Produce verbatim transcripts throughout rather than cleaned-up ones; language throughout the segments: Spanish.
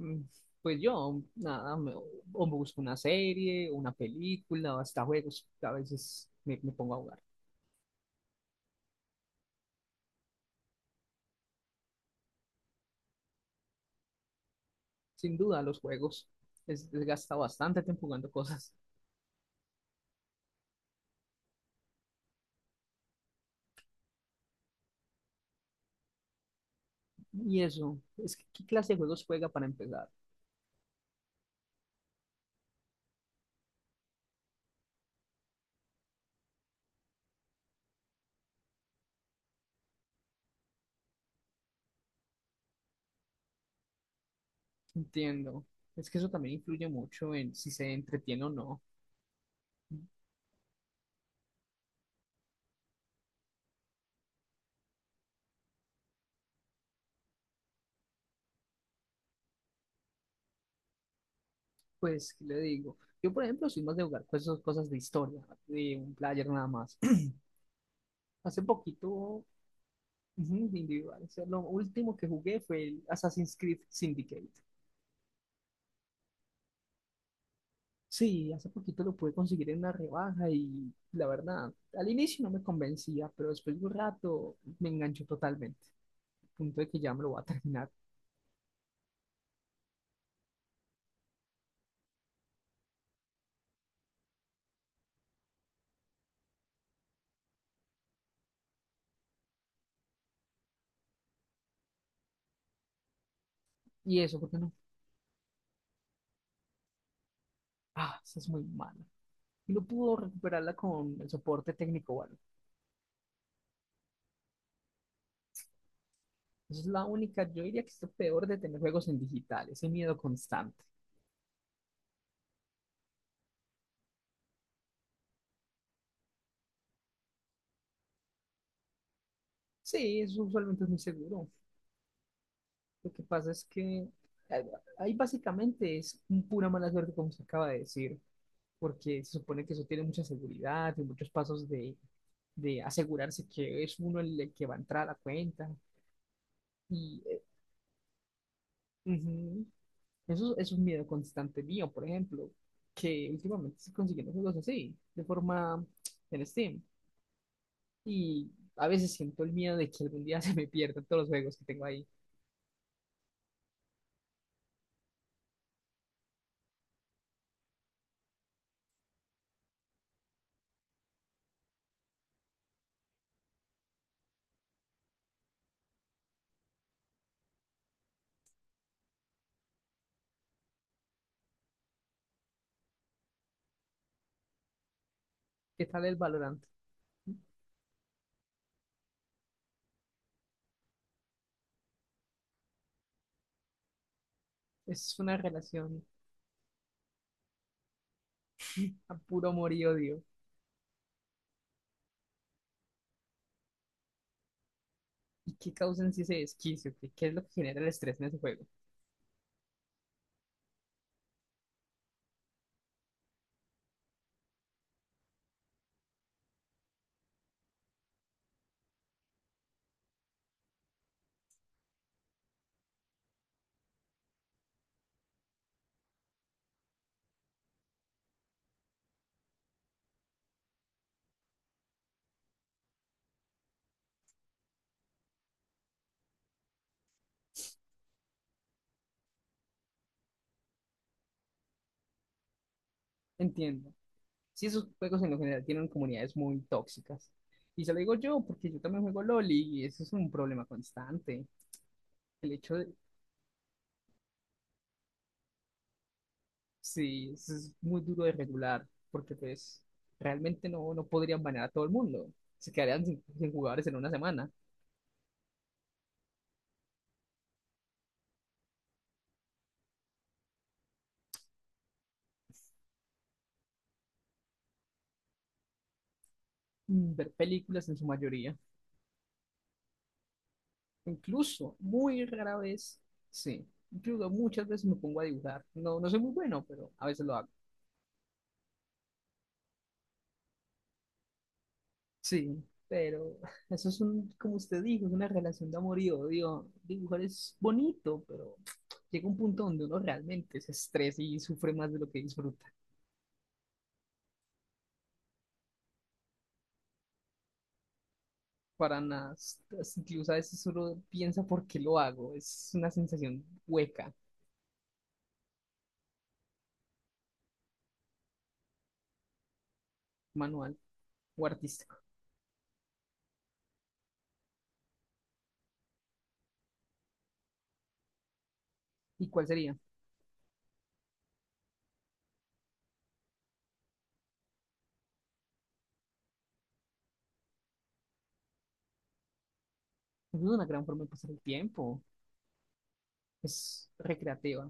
Mm. Pues yo, nada, me, o me busco una serie, una película, o hasta juegos. A veces me, me pongo a jugar. Sin duda, los juegos es, desgasta bastante tiempo jugando cosas. Y eso, ¿es que qué clase de juegos juega para empezar? Entiendo. Es que eso también influye mucho en si se entretiene o no. Pues, ¿qué le digo? Yo, por ejemplo, soy más de jugar cosas, cosas de historia, de un player nada más. Hace poquito, ujú, de individual, o sea, lo último que jugué fue el Assassin's Creed Syndicate. Sí, hace poquito lo pude conseguir en una rebaja y la verdad, al inicio no me convencía, pero después de un rato me enganchó totalmente, al punto de que ya me lo voy a terminar. ¿Y eso, porque no? Ah, esa es muy mala. ¿Y no pudo recuperarla con el soporte técnico? Bueno. Esa es la única, yo diría que es lo peor de tener juegos en digital, ese miedo constante. Sí, eso usualmente es muy seguro. Lo que pasa es que eh, ahí básicamente es un pura mala suerte, como se acaba de decir, porque se supone que eso tiene mucha seguridad y muchos pasos de, de asegurarse que es uno el, el que va a entrar a la cuenta. Y eh, ujú, eso, eso es un miedo constante mío, por ejemplo, que últimamente estoy consiguiendo juegos así, de forma en Steam. Y a veces siento el miedo de que algún día se me pierdan todos los juegos que tengo ahí. ¿Qué tal el Valorant? Es una relación a puro amor y odio. ¿Y qué causan si ese desquicio? ¿Qué, qué es lo que genera el estrés en ese juego? Entiendo. Si esos juegos en lo general tienen comunidades muy tóxicas. Y se lo digo yo porque yo también juego LOL y eso es un problema constante. El hecho de, sí, eso es muy duro de regular porque pues realmente no, no podrían banear a todo el mundo. Se quedarían sin sin jugadores en una semana. Mm, ver películas en su mayoría. Incluso muy rara vez, sí. Incluso muchas veces me, pongo a dibujar. No, no soy muy bueno, pero a veces lo hago. Sí, pero eso es un, como usted dijo, es una relación de amor y odio. Dibujar es bonito, pero llega un punto donde uno realmente se estresa y sufre más de lo que disfruta. Para nada, es- es- incluso a veces uno piensa por qué lo hago. Es una sensación hueca, manual o artístico. ¿Y cuál sería? Es una gran forma de pasar el tiempo. Es recreativa.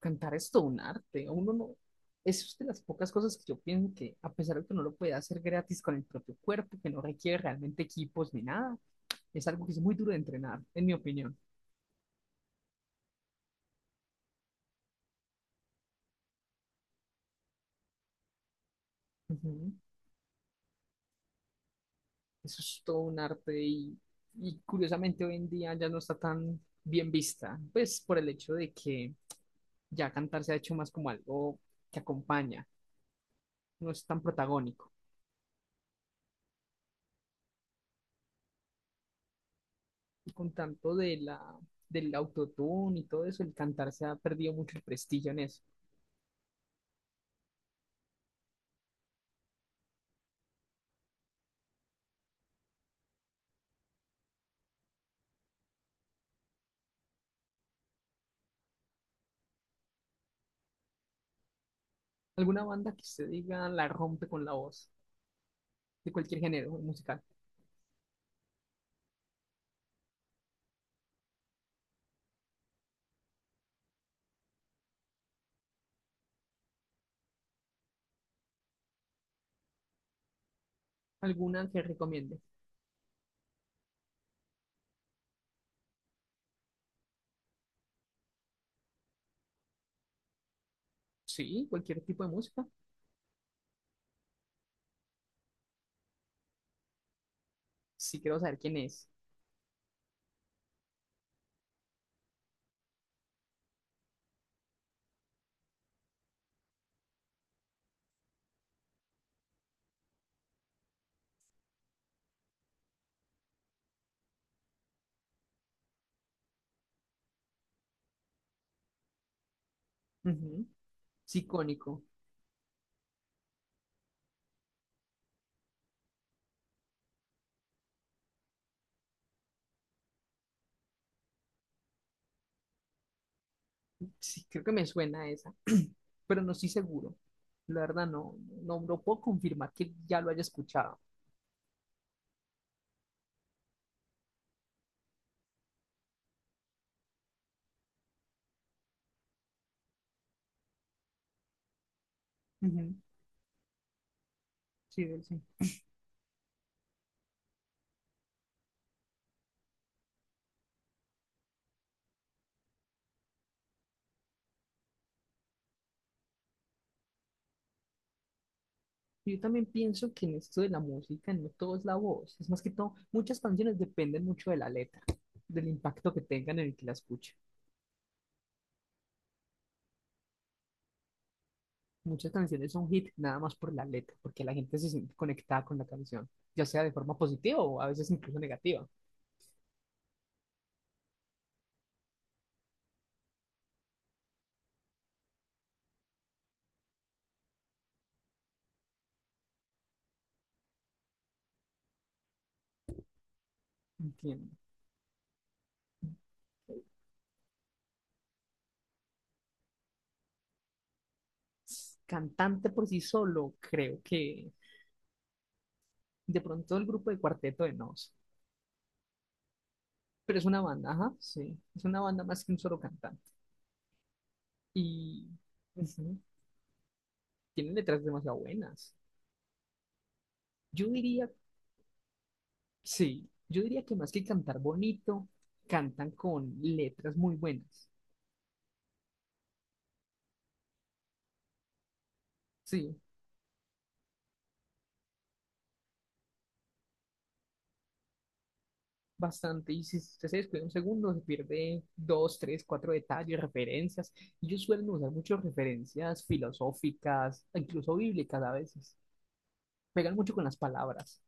Cantar es todo un arte. Uno no, es de las pocas cosas que yo pienso que, a pesar de que no lo puede hacer gratis con el propio cuerpo, que no requiere realmente equipos ni nada, es algo que es muy duro de entrenar, en mi opinión. Ujú. Eso es todo un arte y, y curiosamente hoy en día ya no está tan bien vista, pues por el hecho de que ya cantar se ha hecho más como algo que acompaña, no es tan protagónico. Con tanto de la, del autotune y todo eso, el cantar se ha perdido mucho el prestigio en eso. ¿Alguna banda que usted diga la rompe con la voz de cualquier género musical? ¿Alguna que recomiende? Sí, cualquier tipo de música. Sí, quiero saber quién es. Ujú. Sí, icónico. Sí, creo que me suena esa, pero no estoy seguro. La verdad, no, no, no, puedo confirmar que ya lo haya escuchado. Ujú. Sí, sí. Yo también pienso que en esto de la música no todo es la voz, es más que todo, muchas canciones dependen mucho de la letra, del impacto que tengan en el que la escuche. Muchas canciones son hit nada más por la letra, porque la gente se siente conectada con la canción, ya sea de forma positiva o a veces incluso negativa. Entiendo. Cantante por sí solo, creo que de pronto el grupo de Cuarteto de Nos, pero es una banda, ajá, sí, es una banda más que un solo cantante. Y pues, sí, tiene letras demasiado buenas. Yo diría Sí, yo diría que más que cantar bonito, cantan con letras muy buenas. Sí, bastante. Y si usted se descuida un segundo, se pierde dos, tres, cuatro detalles, referencias. Ellos suelen usar muchas referencias filosóficas, incluso bíblicas a veces. Pegan mucho con las palabras.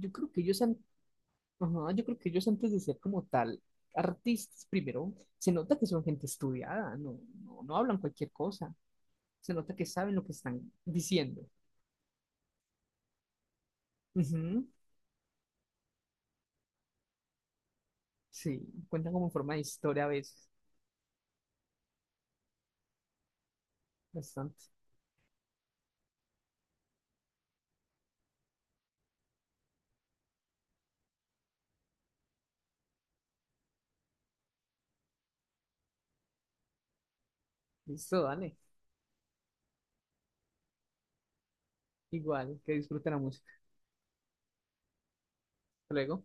Yo creo que ellos han, ajá, yo creo que ellos antes de ser como tal artistas, primero, se nota que son gente estudiada, no, no, no hablan cualquier cosa. Se nota que saben lo que están diciendo. Ujú. Sí, cuentan como en forma de historia a veces, bastante. Listo, dale. Igual, que disfruten la música. Hasta luego.